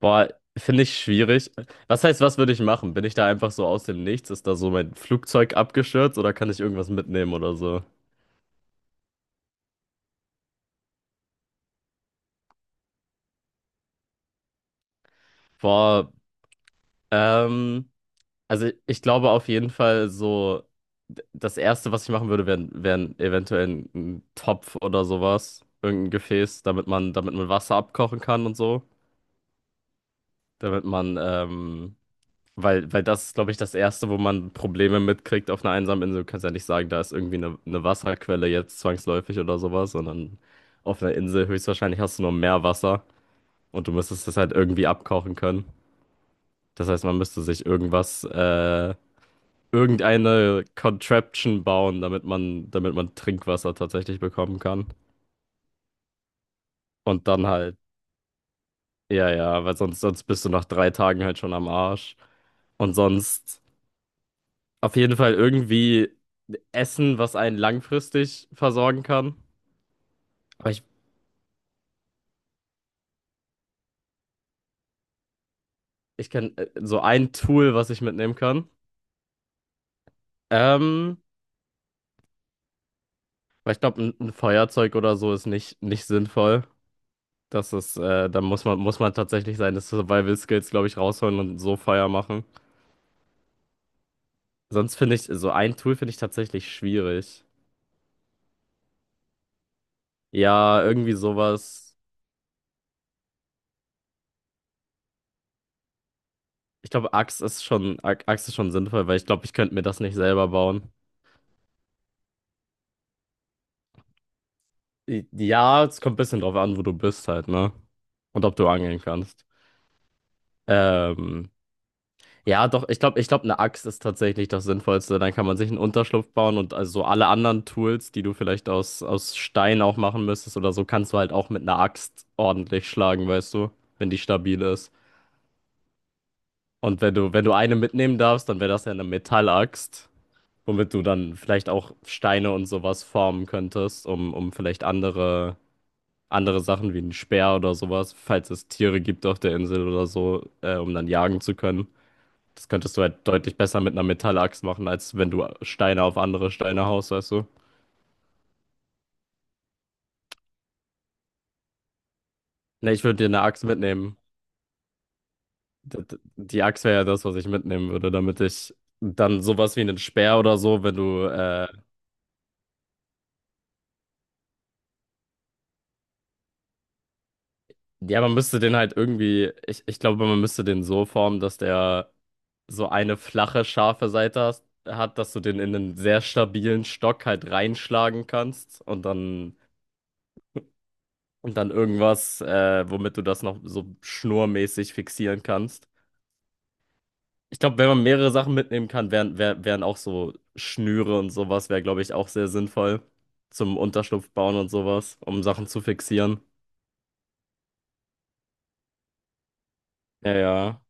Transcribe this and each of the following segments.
Boah, finde ich schwierig. Was heißt, was würde ich machen? Bin ich da einfach so aus dem Nichts? Ist da so mein Flugzeug abgestürzt oder kann ich irgendwas mitnehmen oder so? Boah, ähm, also ich glaube auf jeden Fall so, das Erste, was ich machen würde, wären eventuell ein Topf oder sowas, irgendein Gefäß, damit man Wasser abkochen kann und so, damit man weil das ist, glaube ich, das Erste, wo man Probleme mitkriegt auf einer einsamen Insel. Du kannst ja nicht sagen, da ist irgendwie eine Wasserquelle jetzt zwangsläufig oder sowas, sondern auf einer Insel höchstwahrscheinlich hast du nur Meerwasser und du müsstest das halt irgendwie abkochen können. Das heißt, man müsste sich irgendwas, irgendeine Contraption bauen, damit man Trinkwasser tatsächlich bekommen kann. Und dann halt, ja, ja, weil sonst bist du nach drei Tagen halt schon am Arsch. Und sonst auf jeden Fall irgendwie Essen, was einen langfristig versorgen kann. Aber ich kann so ein Tool, was ich mitnehmen kann. Ähm, Weil ich glaube, ein Feuerzeug oder so ist nicht, nicht sinnvoll. Das ist, da muss man tatsächlich seine Survival Skills, glaube ich, rausholen und so Feuer machen. Sonst finde ich, so ein Tool finde ich tatsächlich schwierig. Ja, irgendwie sowas. Ich glaube, Axt ist schon, Axt ist schon sinnvoll, weil ich glaube, ich könnte mir das nicht selber bauen. Ja, es kommt ein bisschen drauf an, wo du bist halt, ne? Und ob du angeln kannst. Ähm, ja, doch, ich glaube, eine Axt ist tatsächlich das Sinnvollste. Dann kann man sich einen Unterschlupf bauen und also so alle anderen Tools, die du vielleicht aus Stein auch machen müsstest oder so, kannst du halt auch mit einer Axt ordentlich schlagen, weißt du, wenn die stabil ist. Und wenn du, wenn du eine mitnehmen darfst, dann wäre das ja eine Metallaxt, womit du dann vielleicht auch Steine und sowas formen könntest, um vielleicht andere andere Sachen wie einen Speer oder sowas, falls es Tiere gibt auf der Insel oder so, um dann jagen zu können. Das könntest du halt deutlich besser mit einer Metallaxt machen, als wenn du Steine auf andere Steine haust, weißt du? Ne, ich würde dir eine Axt mitnehmen. Die Axt wäre ja das, was ich mitnehmen würde, damit ich dann sowas wie einen Speer oder so, wenn du ja, man müsste den halt irgendwie, ich glaube, man müsste den so formen, dass der so eine flache, scharfe Seite hat, dass du den in einen sehr stabilen Stock halt reinschlagen kannst und dann irgendwas, womit du das noch so schnurmäßig fixieren kannst. Ich glaube, wenn man mehrere Sachen mitnehmen kann, wären auch so Schnüre und sowas, wäre, glaube ich, auch sehr sinnvoll zum Unterschlupf bauen und sowas, um Sachen zu fixieren. Ja, ja.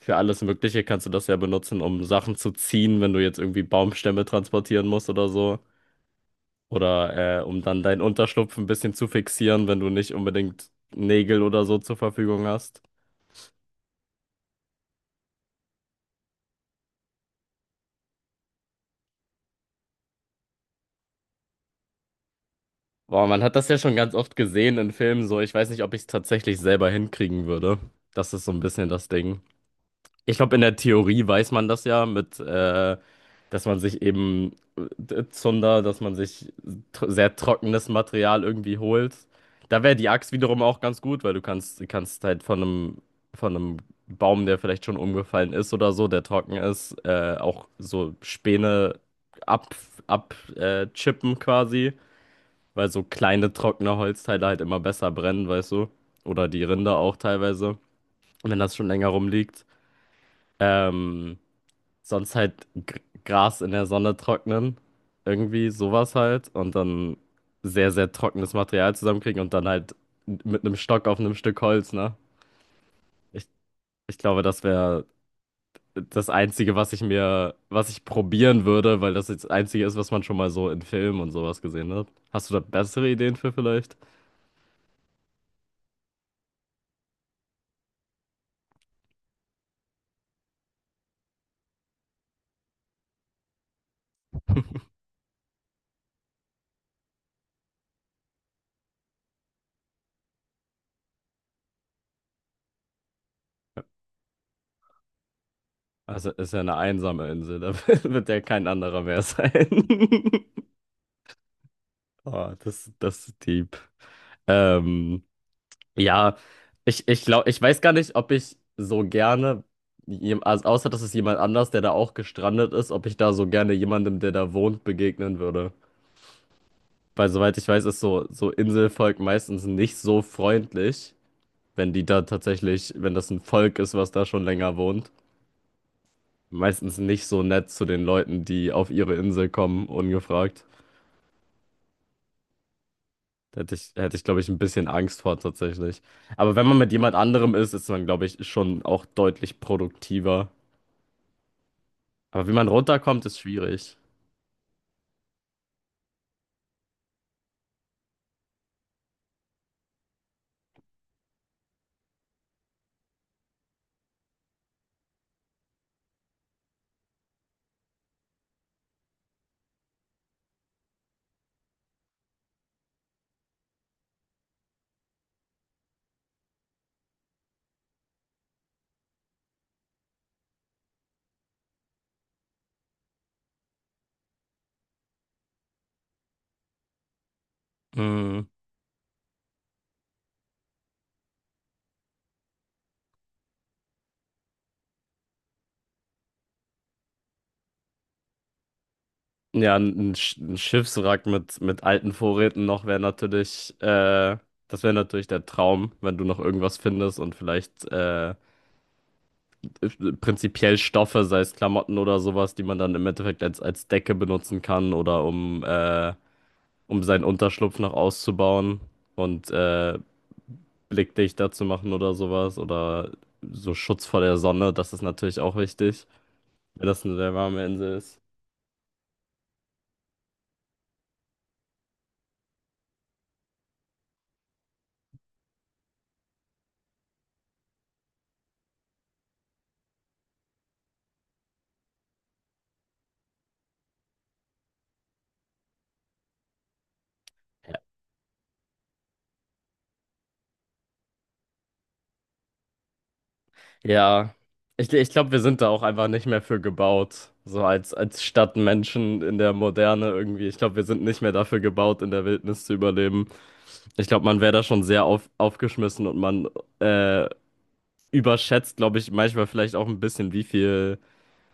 Für alles Mögliche kannst du das ja benutzen, um Sachen zu ziehen, wenn du jetzt irgendwie Baumstämme transportieren musst oder so. Oder um dann deinen Unterschlupf ein bisschen zu fixieren, wenn du nicht unbedingt Nägel oder so zur Verfügung hast. Boah, man hat das ja schon ganz oft gesehen in Filmen so. Ich weiß nicht, ob ich es tatsächlich selber hinkriegen würde. Das ist so ein bisschen das Ding. Ich glaube, in der Theorie weiß man das ja mit, dass man sich eben Zunder, dass man sich sehr trockenes Material irgendwie holt. Da wäre die Axt wiederum auch ganz gut, weil du kannst halt von einem Baum, der vielleicht schon umgefallen ist oder so, der trocken ist, auch so Späne ab, ab, chippen quasi, weil so kleine trockene Holzteile halt immer besser brennen, weißt du? Oder die Rinde auch teilweise, wenn das schon länger rumliegt. Ähm, Sonst halt Gras in der Sonne trocknen. Irgendwie sowas halt. Und dann sehr, sehr trockenes Material zusammenkriegen und dann halt mit einem Stock auf einem Stück Holz, ne? Ich, ich glaube, das wäre das Einzige, was ich mir, was ich probieren würde, weil das jetzt das Einzige ist, was man schon mal so in Filmen und sowas gesehen hat. Hast du da bessere Ideen für vielleicht? Also ist ja eine einsame Insel, da wird ja kein anderer mehr sein. Oh, das, das ist deep. Ähm. Ja, ich glaube, ich weiß gar nicht, ob ich so gerne, also außer dass es jemand anders, der da auch gestrandet ist, ob ich da so gerne jemandem, der da wohnt, begegnen würde. Weil soweit ich weiß, ist so, so Inselvolk meistens nicht so freundlich, wenn die da tatsächlich, wenn das ein Volk ist, was da schon länger wohnt. Meistens nicht so nett zu den Leuten, die auf ihre Insel kommen, ungefragt. Da hätte ich, glaube ich, ein bisschen Angst vor tatsächlich. Aber wenn man mit jemand anderem ist, ist man, glaube ich, schon auch deutlich produktiver. Aber wie man runterkommt, ist schwierig. Mhm. Ja, ein Schiffswrack mit alten Vorräten noch wäre natürlich, das wäre natürlich der Traum, wenn du noch irgendwas findest und vielleicht prinzipiell Stoffe, sei es Klamotten oder sowas, die man dann im Endeffekt als Decke benutzen kann oder um, um seinen Unterschlupf noch auszubauen und blickdichter zu machen oder sowas oder so Schutz vor der Sonne, das ist natürlich auch wichtig, wenn das eine sehr warme Insel ist. Ja, ich glaube, wir sind da auch einfach nicht mehr für gebaut. So als Stadtmenschen in der Moderne irgendwie. Ich glaube, wir sind nicht mehr dafür gebaut, in der Wildnis zu überleben. Ich glaube, man wäre da schon sehr aufgeschmissen und man äh, überschätzt, glaube ich, manchmal vielleicht auch ein bisschen,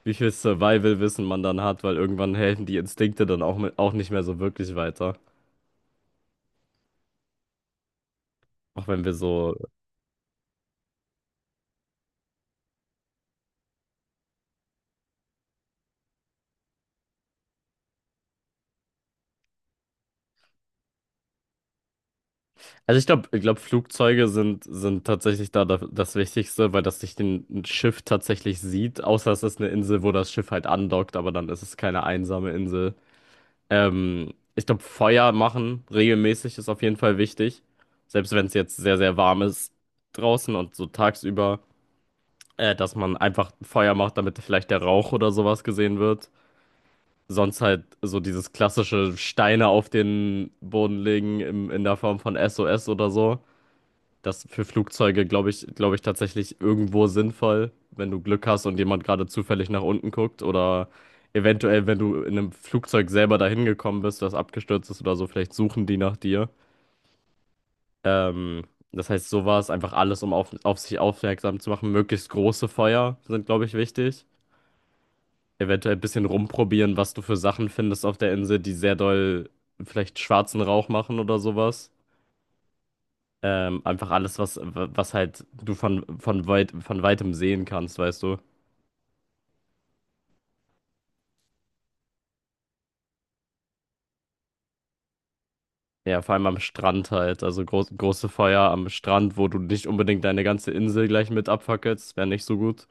wie viel Survival-Wissen man dann hat, weil irgendwann helfen die Instinkte dann auch, mit, auch nicht mehr so wirklich weiter. Auch wenn wir so also ich glaube, Flugzeuge sind, sind tatsächlich da das Wichtigste, weil das nicht ein Schiff tatsächlich sieht, außer es ist eine Insel, wo das Schiff halt andockt, aber dann ist es keine einsame Insel. Ich glaube, Feuer machen regelmäßig ist auf jeden Fall wichtig, selbst wenn es jetzt sehr, sehr warm ist draußen und so tagsüber, dass man einfach Feuer macht, damit vielleicht der Rauch oder sowas gesehen wird. Sonst halt so dieses klassische Steine auf den Boden legen in der Form von SOS oder so. Das für Flugzeuge, glaube ich tatsächlich irgendwo sinnvoll, wenn du Glück hast und jemand gerade zufällig nach unten guckt oder eventuell, wenn du in einem Flugzeug selber dahin gekommen bist, das abgestürzt ist oder so, vielleicht suchen die nach dir. Ähm, das heißt, sowas, einfach alles, um auf sich aufmerksam zu machen. Möglichst große Feuer sind, glaube ich, wichtig. Eventuell ein bisschen rumprobieren, was du für Sachen findest auf der Insel, die sehr doll vielleicht schwarzen Rauch machen oder sowas. Einfach alles, was, was halt du von weit, von weitem sehen kannst, weißt du? Ja, vor allem am Strand halt. Also groß, große Feuer am Strand, wo du nicht unbedingt deine ganze Insel gleich mit abfackelst. Wäre nicht so gut.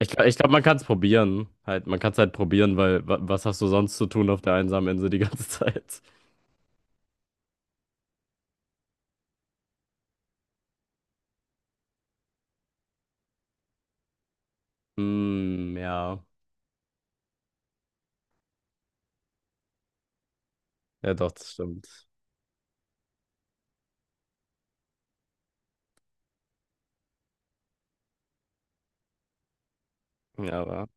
Ich glaube, man kann es probieren. Halt, man kann es halt probieren, weil was hast du sonst zu tun auf der einsamen Insel die ganze Zeit? Hm, ja. Ja, doch, das stimmt. Ja, aber.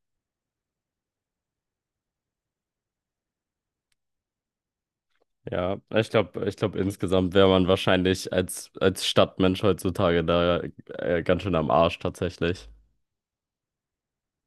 Ja, ich glaube, insgesamt wäre man wahrscheinlich als Stadtmensch heutzutage da ganz schön am Arsch tatsächlich.